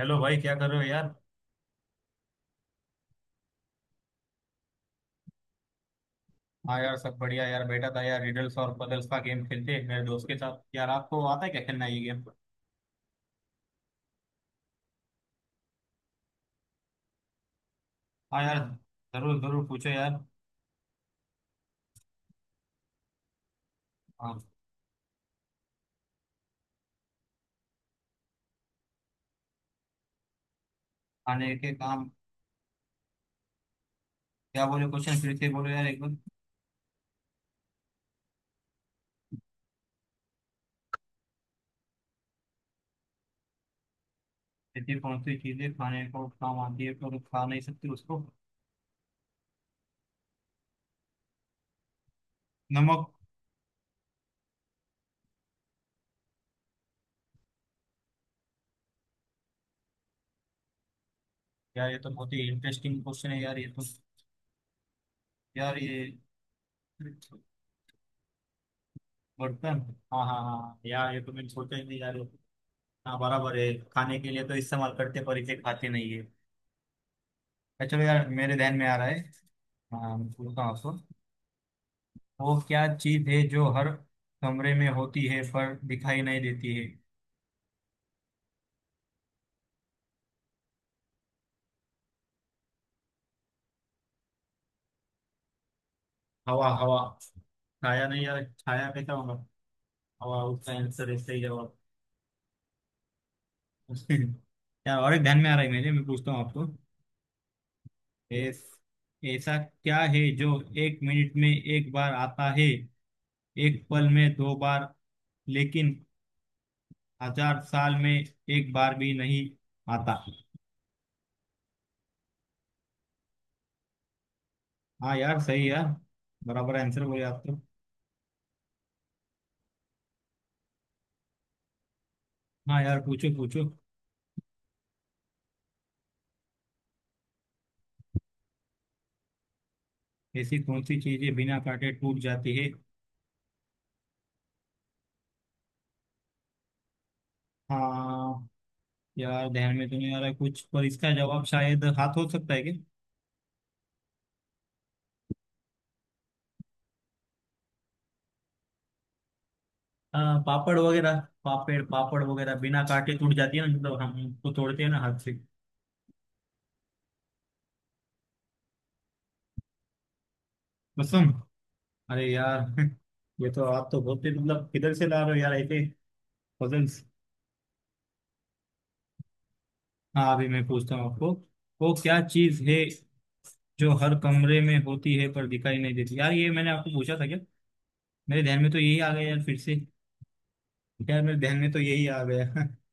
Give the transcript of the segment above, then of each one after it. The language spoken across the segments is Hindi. हेलो भाई, क्या कर रहे हो यार। हाँ यार सब बढ़िया यार, बैठा था यार रिडल्स और पजल्स का गेम खेलते हैं मेरे दोस्त के साथ। यार आपको आता है क्या खेलना ये गेम? हाँ यार, जरूर जरूर पूछो यार। हाँ खाने के काम। क्या बोले? क्वेश्चन फिर से बोलो यार एक बार। ऐसी कौन सी चीजें खाने को काम आती है पर खा नहीं सकती उसको? नमक। यार ये तो बहुत ही इंटरेस्टिंग क्वेश्चन है यार, ये तो। यार ये। बर्तन। हाँ हाँ हाँ यार, ये तो मैंने सोचा ही नहीं यार। हाँ बराबर है, खाने के लिए तो इस्तेमाल करते पर इसे खाते नहीं है। चलो यार, मेरे ध्यान में आ रहा है। हाँ, मैं बोलता हूँ आपको। वो क्या चीज है जो हर कमरे में होती है पर दिखाई नहीं देती है? हवा, हवा। छाया नहीं यार, छाया कैसा होगा। हवा उसका आंसर है, सही जवाब। यार, और एक ध्यान में आ रहा है मेरे। मैं पूछता हूँ आपको। एस, ऐसा क्या है जो एक मिनट में एक बार आता है, एक पल में दो बार, लेकिन हजार साल में एक बार भी नहीं आता? हाँ यार, सही यार। बराबर आंसर बोले आप तो। हाँ यार, पूछो पूछो। ऐसी कौन सी चीजें बिना काटे टूट जाती है? हाँ यार, ध्यान में तो नहीं आ रहा है कुछ, पर इसका जवाब शायद हाथ हो सकता है क्या? पापड़ वगैरह बिना काटे टूट जाती है ना, मतलब हम उसको तोड़ते हैं ना हाथ से। कसम। अरे यार ये तो, आप तो बहुत ही मतलब किधर से ला रहे हो यार ऐसे। पजल्स। हाँ, अभी मैं पूछता हूँ आपको। वो क्या चीज है जो हर कमरे में होती है पर दिखाई नहीं देती? यार ये मैंने आपको पूछा था क्या? मेरे ध्यान में तो यही आ गया यार फिर से। यार, मेरे ध्यान में तो यही आ गया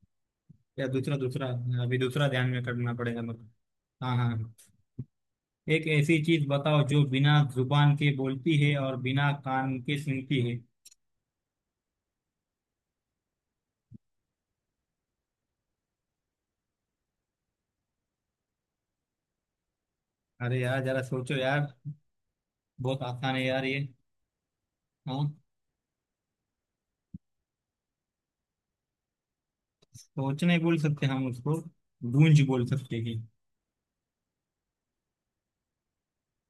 या दूसरा, दूसरा। अभी दूसरा ध्यान में करना पड़ेगा मेरे को। हाँ हाँ हाँ। एक ऐसी चीज बताओ जो बिना जुबान के बोलती है और बिना कान के सुनती है। अरे यार, जरा सोचो यार। बहुत आसान है यार ये। हाँ। सोच नहीं बोल सकते हम उसको। गूंज बोल सकते हैं।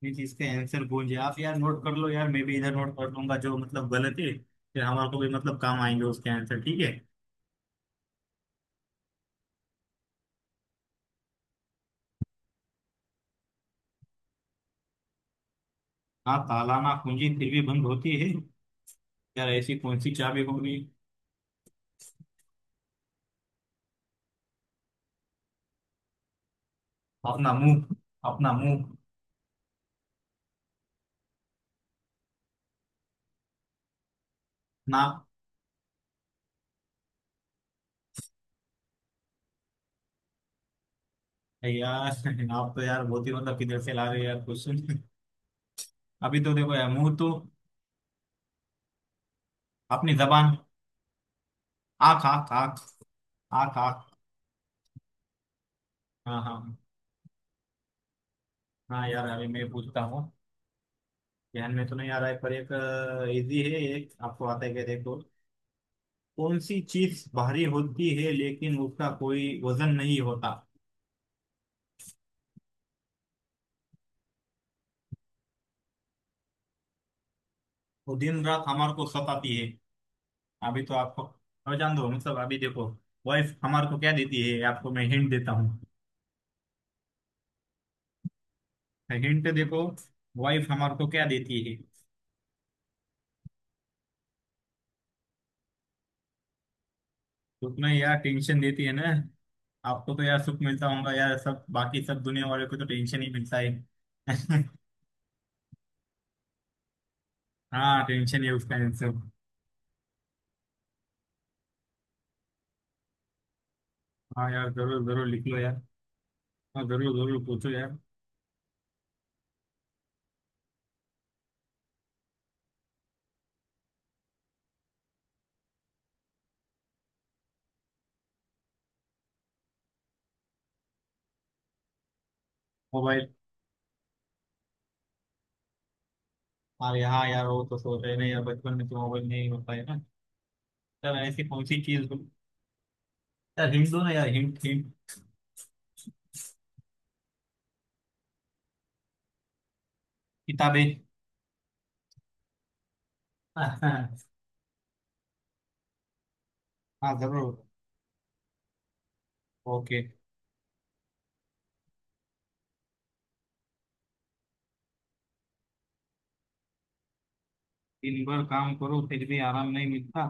ये चीज का आंसर गूंज है। आप यार नोट कर लो यार, मैं भी इधर नोट कर लूंगा जो मतलब गलत है। फिर हमारे को भी मतलब काम आएंगे उसके आंसर, ठीक है। हाँ, ताला ना पूंजी फिर भी बंद होती है। यार ऐसी कौन सी चाबी होगी? अपना मुंह, अपना मुंह। ना। है यार, आप तो यार बहुत ही मतलब किधर से ला रहे हो यार क्वेश्चन। अभी तो देखो यार, मुंह तो। अपनी जबान। आख, आख, आख। आख, आख। हाँ हाँ हाँ। यार अभी मैं पूछता हूँ। ध्यान में तो नहीं आ रहा है पर एक इजी है एक। आपको आता है क्या देखो कौन सी चीज भारी होती है लेकिन उसका कोई वजन नहीं होता? वो दिन रात हमारे को सताती है। अभी तो आपको और जान दो, मतलब अभी देखो। वाइफ हमारे को क्या देती है? आपको मैं हिंट देता हूँ। हिंट देखो। वाइफ हमारे को क्या देती है? सुख में यार टेंशन देती है ना। आपको तो यार सुख मिलता होगा यार, सब बाकी सब दुनिया वाले को तो टेंशन ही मिलता है। हाँ, टेंशन ही है उसका आंसर। हाँ यार, जरूर जरूर लिख लो यार। हाँ, जरूर जरूर पूछो यार। मोबाइल। अरे हाँ, यहाँ यार वो तो सोच रहे ना यार, बचपन में तो मोबाइल नहीं होता है ना। यार ऐसी कौन सी चीज। यार हिंट दो ना यार, हिंट हिंट। किताबें हाँ। जरूर। ओके। दिन भर काम करो फिर भी आराम नहीं मिलता।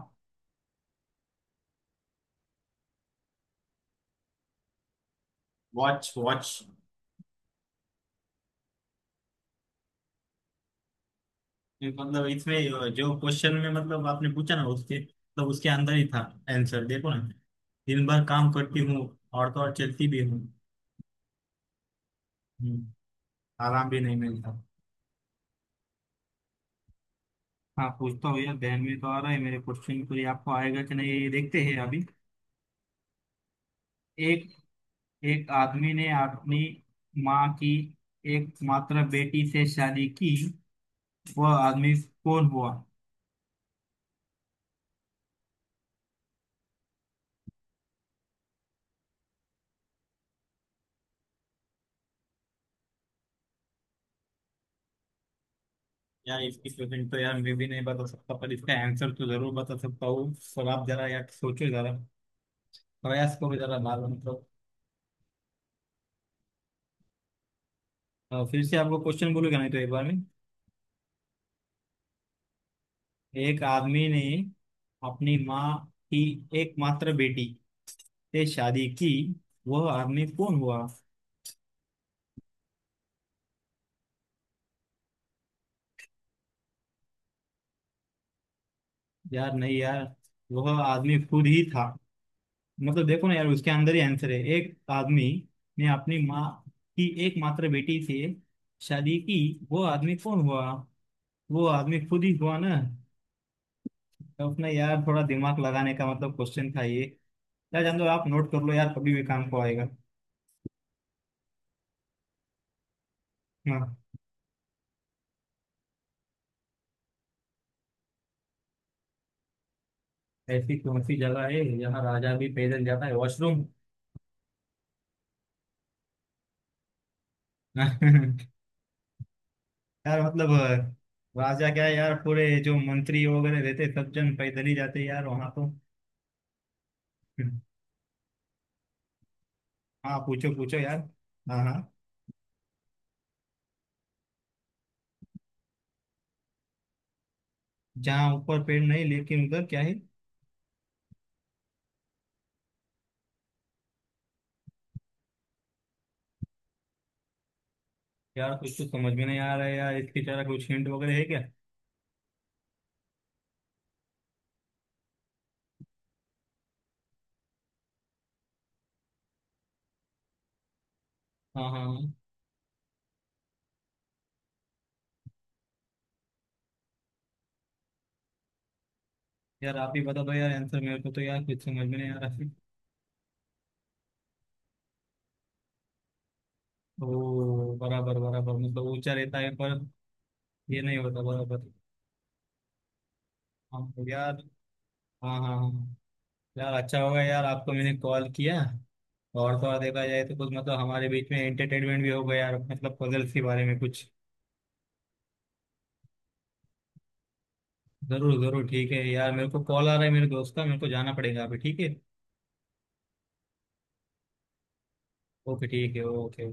Watch, watch. ये मतलब, इसमें जो क्वेश्चन में मतलब आपने पूछा ना, उसके मतलब उसके अंदर ही था। आंसर देखो ना। दिन भर काम करती हूँ। और तो और चलती भी हूँ। हम्म, आराम भी नहीं मिलता। हाँ, पूछता हूँ यार, ध्यान में तो आ रहा है मेरे क्वेश्चन को, ये आपको आएगा कि नहीं ये देखते हैं अभी। एक एक आदमी ने अपनी माँ की एकमात्र बेटी से शादी की, वह आदमी कौन हुआ? यार इसकी क्वेश्चन तो यार मैं भी नहीं बता सकता, पर इसका आंसर तो जरूर बता सकता हूँ। और आप जरा यार सोचो जरा। प्रयास करो जरा, बाल मतलब। फिर से आपको क्वेश्चन बोलूंगा नहीं तो एक बार में। एक आदमी ने अपनी माँ की एकमात्र बेटी से शादी की, वह आदमी कौन हुआ? यार नहीं यार। वह आदमी खुद ही था। मतलब देखो ना यार, उसके अंदर ही आंसर है। एक आदमी ने अपनी माँ की एकमात्र बेटी से शादी की, वो आदमी कौन हुआ? वो आदमी खुद ही हुआ ना। तो अपना यार थोड़ा दिमाग लगाने का मतलब क्वेश्चन था ये। यार जान दो, आप नोट कर लो यार, कभी भी काम को आएगा। हाँ। ऐसी कौन सी जगह है जहाँ राजा भी पैदल जाता है? वॉशरूम। यार मतलब राजा क्या है यार, पूरे जो मंत्री वगैरह रहते हैं, सब जन पैदल ही जाते हैं यार वहां तो। हाँ, पूछो पूछो यार। हाँ हाँ। जहाँ ऊपर पेड़ नहीं, लेकिन उधर क्या है? यार कुछ तो समझ में नहीं आ रहा है यार, इसकी तरह कुछ हिंट वगैरह है क्या? हाँ हाँ हाँ। यार आप ही बता दो यार आंसर, मेरे को तो यार कुछ समझ में नहीं आ रहा है। ओ, बराबर बराबर, मतलब ऊंचा रहता है पर ये नहीं होता बराबर। हाँ यार। हाँ हाँ हाँ। यार अच्छा होगा यार, आपको मैंने कॉल किया। और तो और, देखा जाए तो कुछ मतलब हमारे बीच में एंटरटेनमेंट भी हो गया यार, मतलब पजल्स के बारे में कुछ। जरूर जरूर, ठीक है यार, मेरे को कॉल आ रहा है मेरे दोस्त का, मेरे को जाना पड़ेगा अभी, ठीक है। ओके ठीक है ओके।